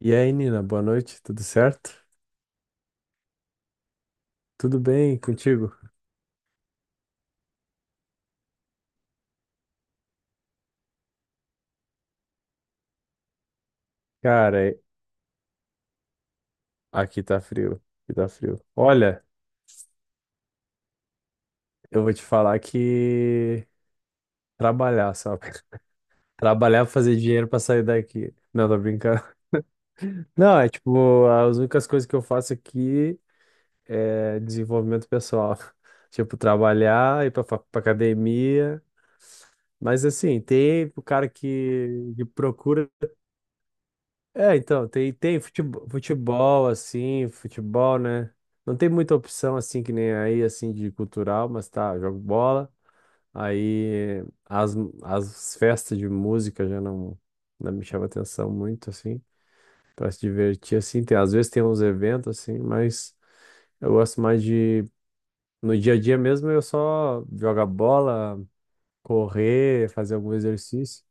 E aí, Nina, boa noite, tudo certo? Tudo bem contigo? Cara, é- Aqui tá frio, aqui tá frio. Olha, eu vou te falar que trabalhar, sabe? Trabalhar pra fazer dinheiro pra sair daqui. Não, tô brincando. Não, é tipo, as únicas coisas que eu faço aqui é desenvolvimento pessoal. Tipo, trabalhar, pra academia. Mas assim, tem o cara que procura. É, então, tem futebol, né? Não tem muita opção, assim, que nem aí, assim, de cultural, mas tá, eu jogo bola. Aí as, as festas de música já não, não me chama atenção muito, assim, pra se divertir, assim. Tem, às vezes tem uns eventos, assim, mas eu gosto mais de. No dia a dia mesmo, eu só jogar bola, correr, fazer algum exercício.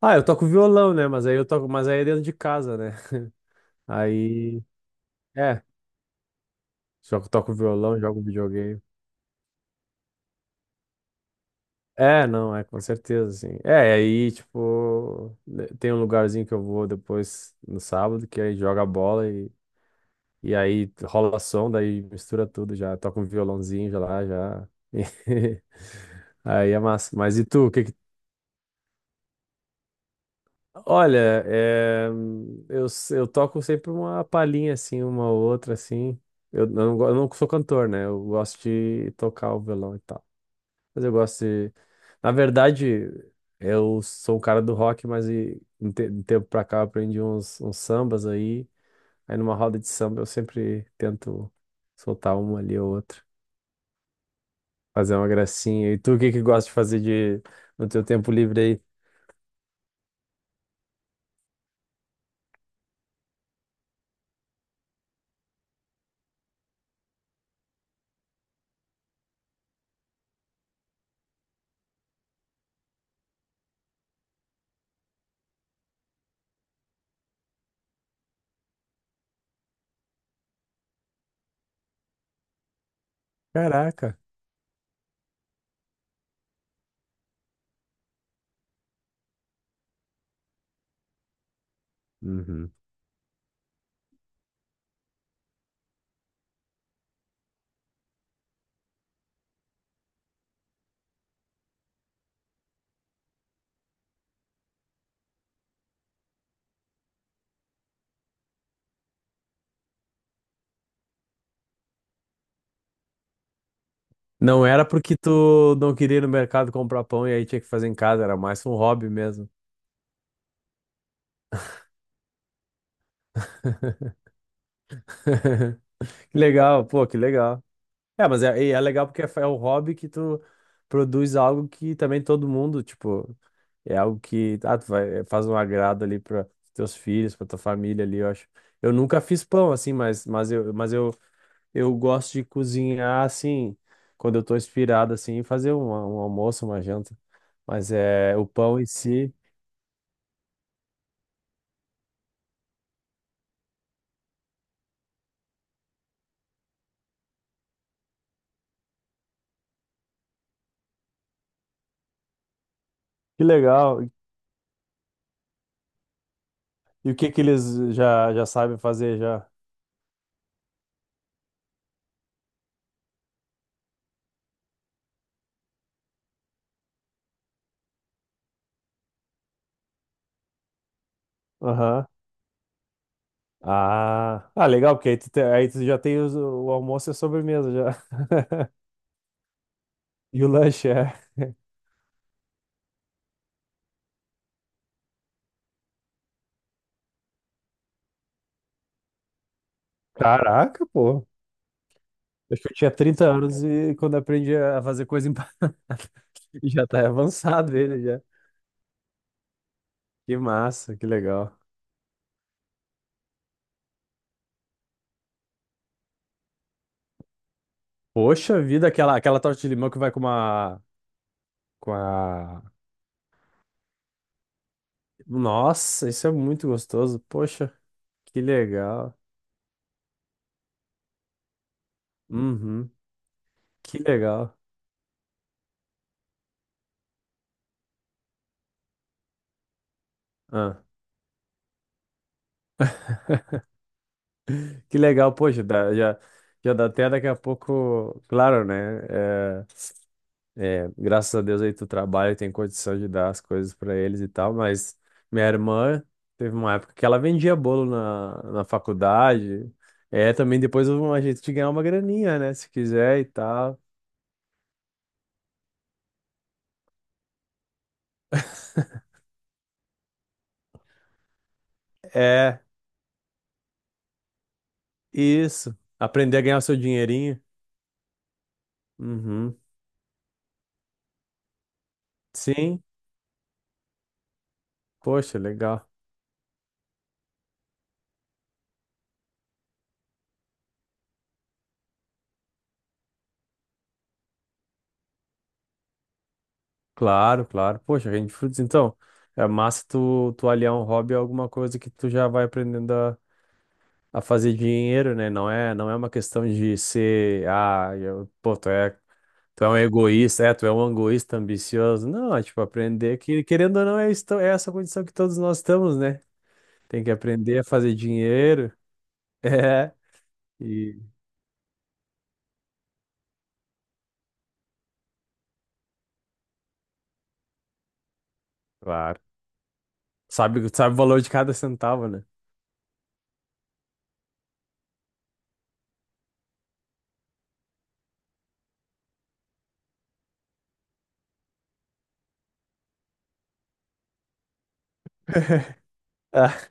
Ah, eu toco violão, né? Mas aí eu toco, mas aí é dentro de casa, né? Aí É, jogo, toco violão, jogo videogame. É, não, é com certeza, assim. É, e aí, tipo, né, tem um lugarzinho que eu vou depois no sábado, que aí joga bola e aí rola som, daí mistura tudo já, toca um violãozinho já lá, já. Aí é massa. Mas e tu, o que que... Olha, é, eu toco sempre uma palhinha, assim, uma outra, assim. Eu não sou cantor, né? Eu gosto de tocar o violão e tal. Mas eu gosto de. Na verdade, eu sou o cara do rock, mas e, um tempo pra cá eu aprendi uns sambas aí. Aí numa roda de samba eu sempre tento soltar uma ali ou outra, fazer uma gracinha. E tu, o que que gosta de fazer de no teu tempo livre aí? Caraca. Uhum. Não era porque tu não queria ir no mercado comprar pão e aí tinha que fazer em casa, era mais um hobby mesmo. Que legal, pô, que legal. É, mas é, e é legal porque é o hobby que tu produz algo que também todo mundo, tipo, é algo que ah, tu vai, faz um agrado ali para teus filhos, para tua família ali, eu acho. Eu nunca fiz pão assim, mas eu gosto de cozinhar assim, quando eu tô inspirado assim, e fazer um almoço, uma janta. Mas é o pão em si, que legal. E o que que eles já já sabem fazer já? Aham. Ah, ah, legal, porque aí tu já tem o almoço e a sobremesa já. E o lanche é. Caraca, pô. Acho que eu tinha 30 anos e quando aprendi a fazer coisa empanada, já tá avançado ele já. Que massa, que legal. Poxa vida, aquela torta de limão que vai com uma, com a... Nossa, isso é muito gostoso. Poxa, que legal. Uhum, que legal. Ah, que legal, poxa, já dá até daqui a pouco, claro, né? é, É, graças a Deus aí tu trabalha e tem condição de dar as coisas pra eles e tal, mas minha irmã teve uma época que ela vendia bolo na faculdade. É, também depois houve um jeito de ganhar uma graninha, né? Se quiser e tal. É, isso. Aprender a ganhar o seu dinheirinho. Uhum. Sim. Poxa, legal. Claro, claro. Poxa, rende frutos. Então, é massa tu, tu aliar um hobby a alguma coisa que tu já vai aprendendo a fazer dinheiro, né? Não é uma questão de ser, ah, eu, pô, tu é um egoísta, é, tu é um egoísta ambicioso. Não, é tipo, aprender que, querendo ou não, é, é essa condição que todos nós estamos, né? Tem que aprender a fazer dinheiro. É, e, claro, sabe, sabe o valor de cada centavo, né? Ah,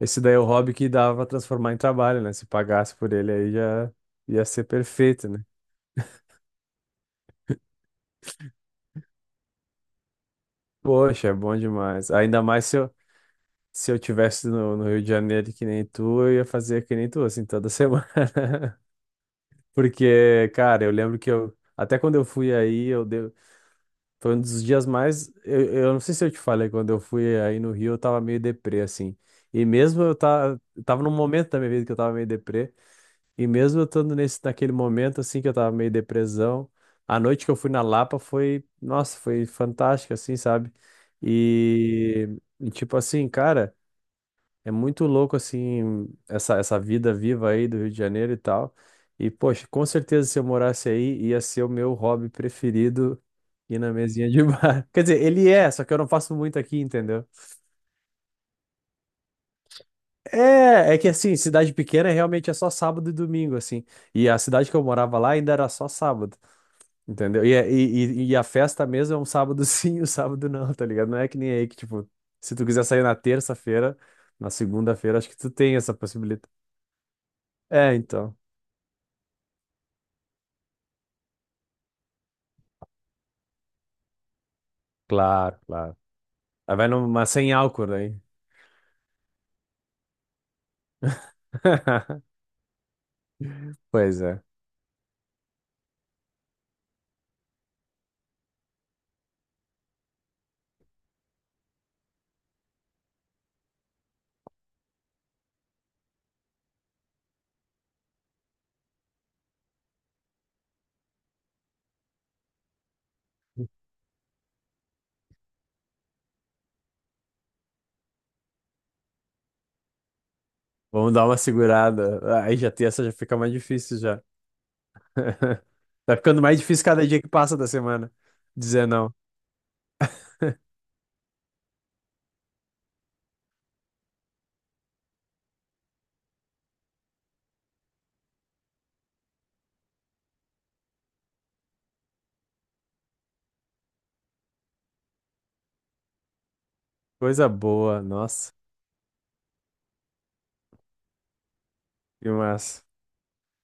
esse daí é o hobby que dava pra transformar em trabalho, né? Se pagasse por ele aí já ia ser perfeito, né? Poxa, é bom demais. Ainda mais se eu, se eu tivesse no, no Rio de Janeiro que nem tu, eu ia fazer que nem tu, assim, toda semana. Porque, cara, eu lembro que eu, até quando eu fui aí, eu deu, foi um dos dias mais, eu não sei se eu te falei, quando eu fui aí no Rio, eu tava meio deprê, assim. E mesmo eu tava, tava num momento da minha vida que eu tava meio deprê, e mesmo eu estando nesse, naquele momento, assim, que eu tava meio depressão, a noite que eu fui na Lapa foi, nossa, foi fantástica, assim, sabe? E, e tipo assim, cara. É muito louco, assim, essa vida viva aí do Rio de Janeiro e tal. E, poxa, com certeza se eu morasse aí, ia ser o meu hobby preferido ir na mesinha de bar. Quer dizer, ele é, só que eu não faço muito aqui, entendeu? É, é que assim, cidade pequena é realmente é só sábado e domingo, assim. E a cidade que eu morava lá ainda era só sábado, entendeu? E, e a festa mesmo é um sábado sim, um sábado não, tá ligado? Não é que nem aí que, tipo, se tu quiser sair na terça-feira, na segunda-feira, acho que tu tem essa possibilidade. É, então. Claro, claro. Aí vai numa sem álcool, né? Pois é. Vamos dar uma segurada. Aí já tem essa, já fica mais difícil já. Tá ficando mais difícil cada dia que passa da semana. Dizer não. Coisa boa, nossa. Que massa.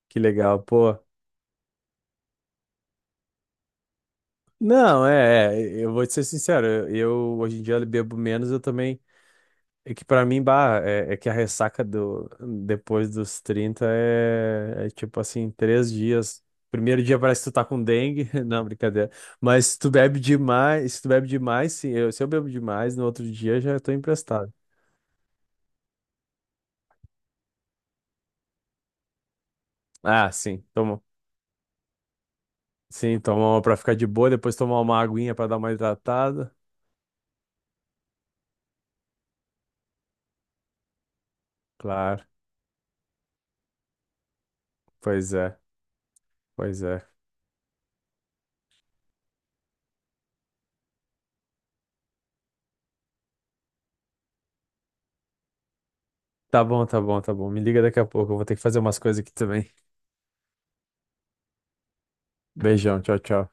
Que legal, pô. Não, é, é, eu vou te ser sincero, eu hoje em dia bebo menos, eu também é que pra mim, bah, é, é que a ressaca do, depois dos 30 é, é tipo assim, 3 dias. Primeiro dia parece que tu tá com dengue. Não, brincadeira. Mas se tu bebe demais, se tu bebe demais, sim, eu, se eu bebo demais, no outro dia já tô emprestado. Ah, sim, toma. Sim, tomar uma pra ficar de boa, depois tomar uma aguinha pra dar uma hidratada. Claro, pois é, pois é. Tá bom, tá bom, tá bom. Me liga daqui a pouco, eu vou ter que fazer umas coisas aqui também. Beijão, tchau, tchau.